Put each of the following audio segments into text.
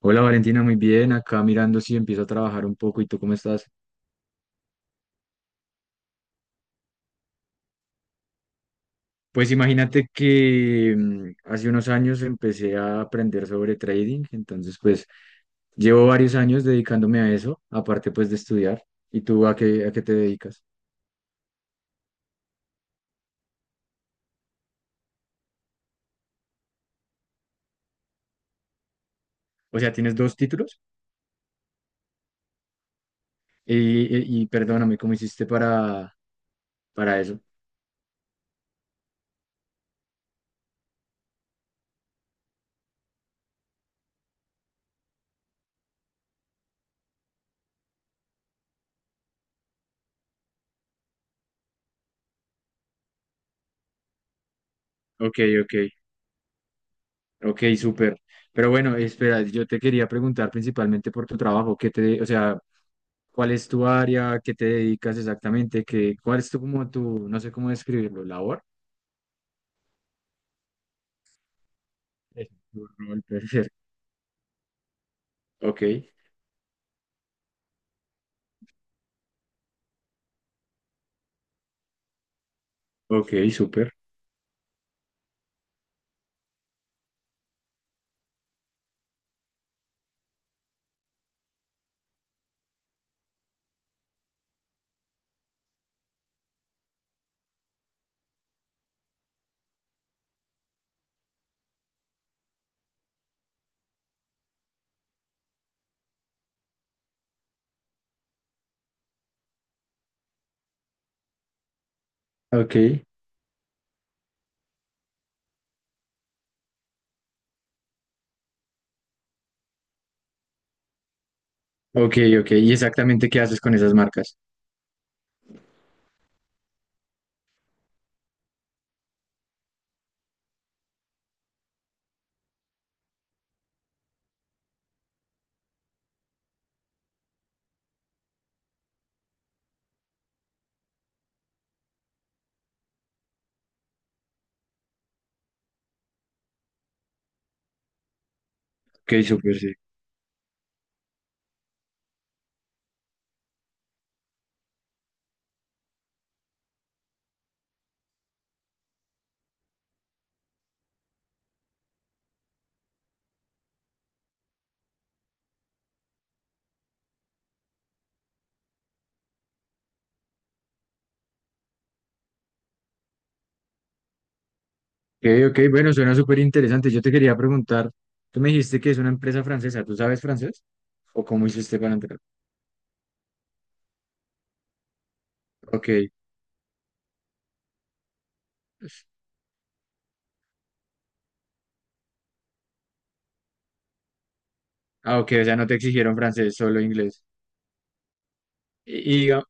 Hola Valentina, muy bien. Acá mirando si empiezo a trabajar un poco. ¿Y tú cómo estás? Pues imagínate que hace unos años empecé a aprender sobre trading, entonces pues llevo varios años dedicándome a eso, aparte pues de estudiar. ¿Y tú a qué te dedicas? O sea, ¿tienes dos títulos? Y, y perdóname, ¿cómo hiciste para eso? Ok, ok. Ok, súper. Pero bueno, espera, yo te quería preguntar principalmente por tu trabajo, ¿qué te, o sea, cuál es tu área, qué te dedicas exactamente, cuál es tu, como tu, no sé cómo describirlo, labor? Eso. Tu rol, puede ser. Ok, ok, súper. Ok, ok, ok. ¿Y exactamente qué haces con esas marcas? Ok, súper, sí. Ok, ok, bueno, suena súper interesante. Yo te quería preguntar, tú me dijiste que es una empresa francesa, ¿tú sabes francés? ¿O cómo hiciste para entrar? Ok. Ah, ok, o sea, no te exigieron francés, solo inglés. Y, y diga-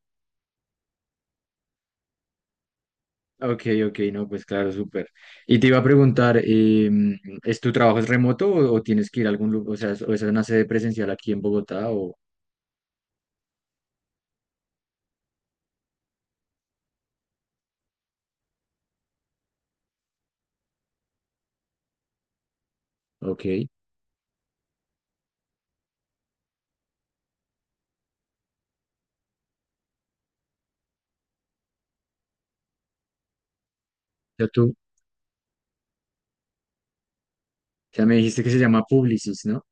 ok, ok, no, pues claro, súper. Y te iba a preguntar, ¿es tu trabajo es remoto o tienes que ir a algún lugar? O sea, o es una sede presencial aquí en Bogotá o. Ok. Ya tú, ya me dijiste que se llama Publicis, ¿no?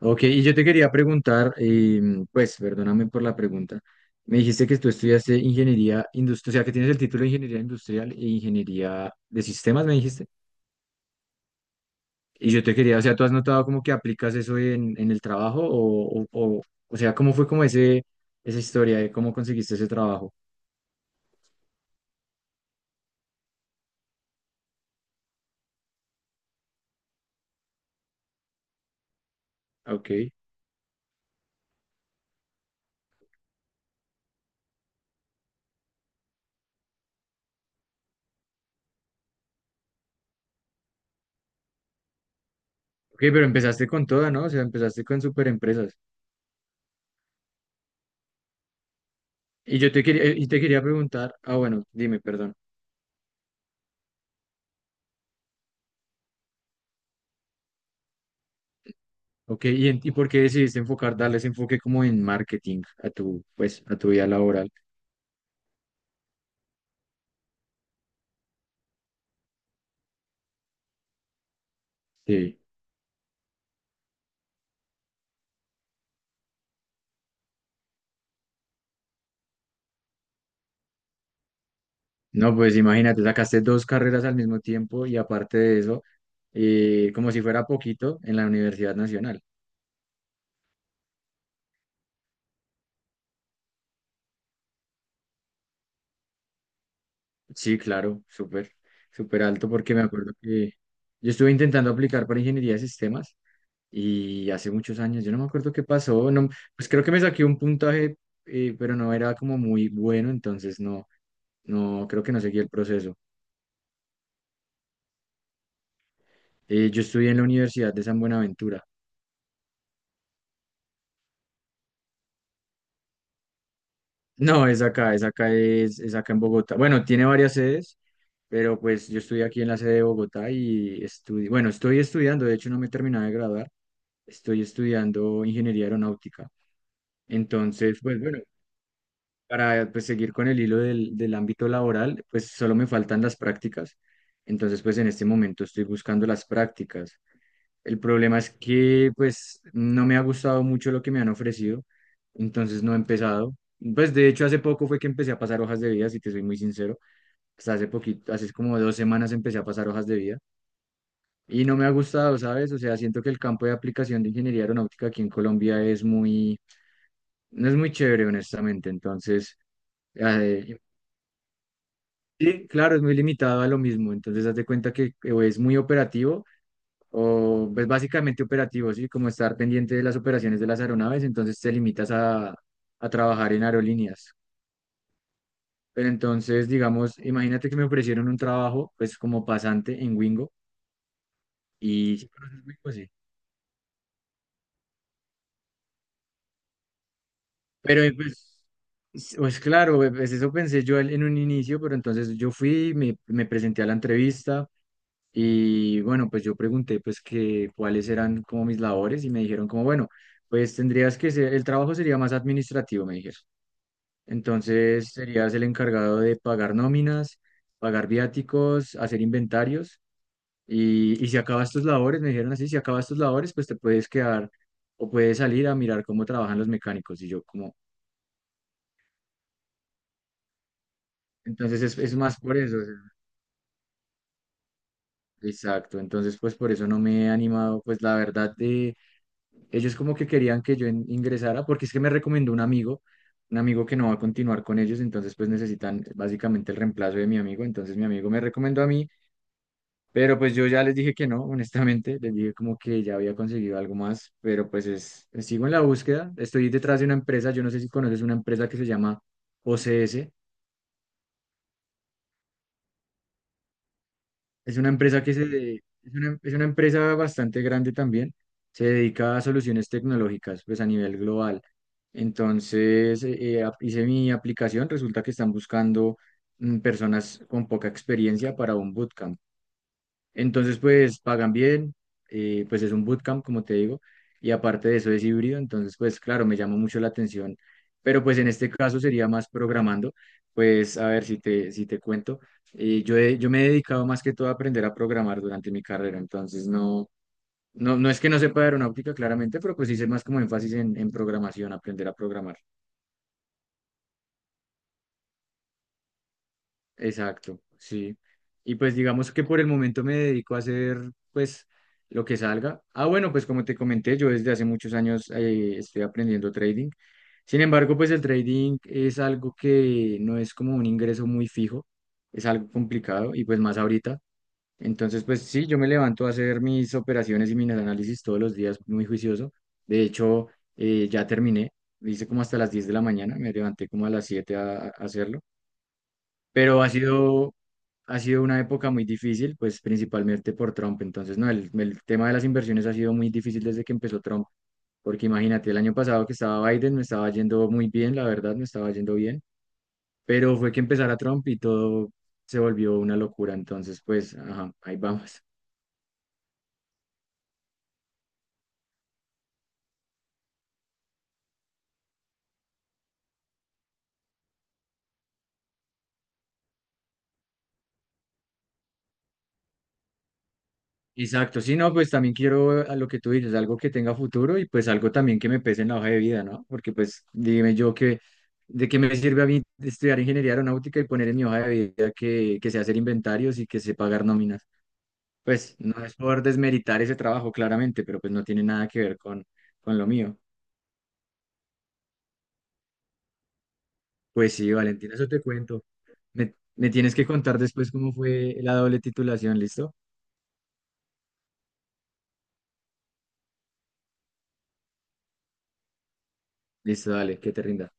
Ok, y yo te quería preguntar, pues perdóname por la pregunta. Me dijiste que tú estudiaste ingeniería industrial, o sea, que tienes el título de ingeniería industrial e ingeniería de sistemas, me dijiste. Y yo te quería, o sea, ¿tú has notado como que aplicas eso en el trabajo? O sea, ¿cómo fue como esa historia de cómo conseguiste ese trabajo? Ah, ok. Ok, pero empezaste con toda, ¿no? O sea, empezaste con super empresas. Y te quería preguntar, ah, bueno, dime, perdón. Ok, ¿y por qué decidiste enfocar, darle ese enfoque como en marketing a tu, pues, a tu vida laboral? Sí. No, pues imagínate, sacaste dos carreras al mismo tiempo y aparte de eso, como si fuera poquito en la Universidad Nacional. Sí, claro, súper, súper alto porque me acuerdo que yo estuve intentando aplicar para ingeniería de sistemas y hace muchos años, yo no me acuerdo qué pasó, no, pues creo que me saqué un puntaje, pero no era como muy bueno, entonces no, creo que no seguí el proceso. Yo estudié en la Universidad de San Buenaventura. No, es acá, es acá, es acá en Bogotá. Bueno, tiene varias sedes, pero pues yo estudié aquí en la sede de Bogotá y estudié, bueno, estoy estudiando, de hecho no me he terminado de graduar, estoy estudiando ingeniería aeronáutica. Entonces, pues bueno, para pues, seguir con el hilo del ámbito laboral, pues solo me faltan las prácticas. Entonces, pues en este momento estoy buscando las prácticas. El problema es que pues no me ha gustado mucho lo que me han ofrecido, entonces no he empezado. Pues de hecho hace poco fue que empecé a pasar hojas de vida, si te soy muy sincero. Hasta hace poquito, hace como 2 semanas empecé a pasar hojas de vida y no me ha gustado, ¿sabes? O sea, siento que el campo de aplicación de ingeniería aeronáutica aquí en Colombia no es muy chévere, honestamente. Entonces. Ah, sí, claro, es muy limitado a lo mismo. Entonces, haz de cuenta que o es muy operativo o es básicamente operativo, ¿sí? Como estar pendiente de las operaciones de las aeronaves, entonces te limitas a trabajar en aerolíneas. Pero entonces, digamos, imagínate que me ofrecieron un trabajo, pues como pasante en Wingo y. ¿Sí conoces Wingo? Sí. Pero pues. Pues claro, pues eso pensé yo en un inicio, pero entonces yo fui, me presenté a la entrevista. Y bueno, pues yo pregunté pues que cuáles eran como mis labores y me dijeron como, bueno, pues tendrías que ser, el trabajo sería más administrativo, me dijeron. Entonces serías el encargado de pagar nóminas, pagar viáticos, hacer inventarios y si acabas tus labores, me dijeron así, si acabas tus labores, pues te puedes quedar o puedes salir a mirar cómo trabajan los mecánicos. Y yo como, entonces es más por eso, o sea, exacto. Entonces pues por eso no me he animado, pues la verdad de ellos como que querían que yo ingresara porque es que me recomendó un amigo que no va a continuar con ellos, entonces pues necesitan básicamente el reemplazo de mi amigo, entonces mi amigo me recomendó a mí, pero pues yo ya les dije que no, honestamente, les dije como que ya había conseguido algo más, pero pues es, sigo en la búsqueda, estoy detrás de una empresa, yo no sé si conoces una empresa que se llama OCS. Es una empresa que se, de- es una empresa bastante grande también. Se dedica a soluciones tecnológicas, pues a nivel global. Entonces, hice mi aplicación. Resulta que están buscando personas con poca experiencia para un bootcamp. Entonces, pues pagan bien, pues es un bootcamp, como te digo, y aparte de eso es híbrido, entonces, pues claro, me llama mucho la atención, pero pues en este caso sería más programando, pues a ver si te cuento, yo me he dedicado más que todo a aprender a programar durante mi carrera, entonces no es que no sepa aeronáutica claramente, pero pues hice más como énfasis en programación, aprender a programar. Exacto, sí. Y pues digamos que por el momento me dedico a hacer pues lo que salga. Ah, bueno, pues como te comenté, yo desde hace muchos años estoy aprendiendo trading. Sin embargo, pues el trading es algo que no es como un ingreso muy fijo, es algo complicado y pues más ahorita. Entonces, pues sí, yo me levanto a hacer mis operaciones y mis análisis todos los días muy juicioso. De hecho, ya terminé, hice como hasta las 10 de la mañana, me levanté como a las 7 a hacerlo. Pero ha sido una época muy difícil, pues principalmente por Trump. Entonces, no, el tema de las inversiones ha sido muy difícil desde que empezó Trump, porque imagínate, el año pasado que estaba Biden me estaba yendo muy bien, la verdad, me estaba yendo bien, pero fue que empezara Trump y todo se volvió una locura. Entonces, pues, ajá, ahí vamos. Exacto, sí, no, pues también quiero a lo que tú dices, algo que tenga futuro y pues algo también que me pese en la hoja de vida, ¿no? Porque pues dime yo que, ¿de qué me sirve a mí estudiar ingeniería aeronáutica y poner en mi hoja de vida que, sé hacer inventarios y que sé pagar nóminas? Pues no es por desmeritar ese trabajo, claramente, pero pues no tiene nada que ver con lo mío. Pues sí, Valentina, eso te cuento. Me tienes que contar después cómo fue la doble titulación, ¿listo? Listo, dale, que te rinda.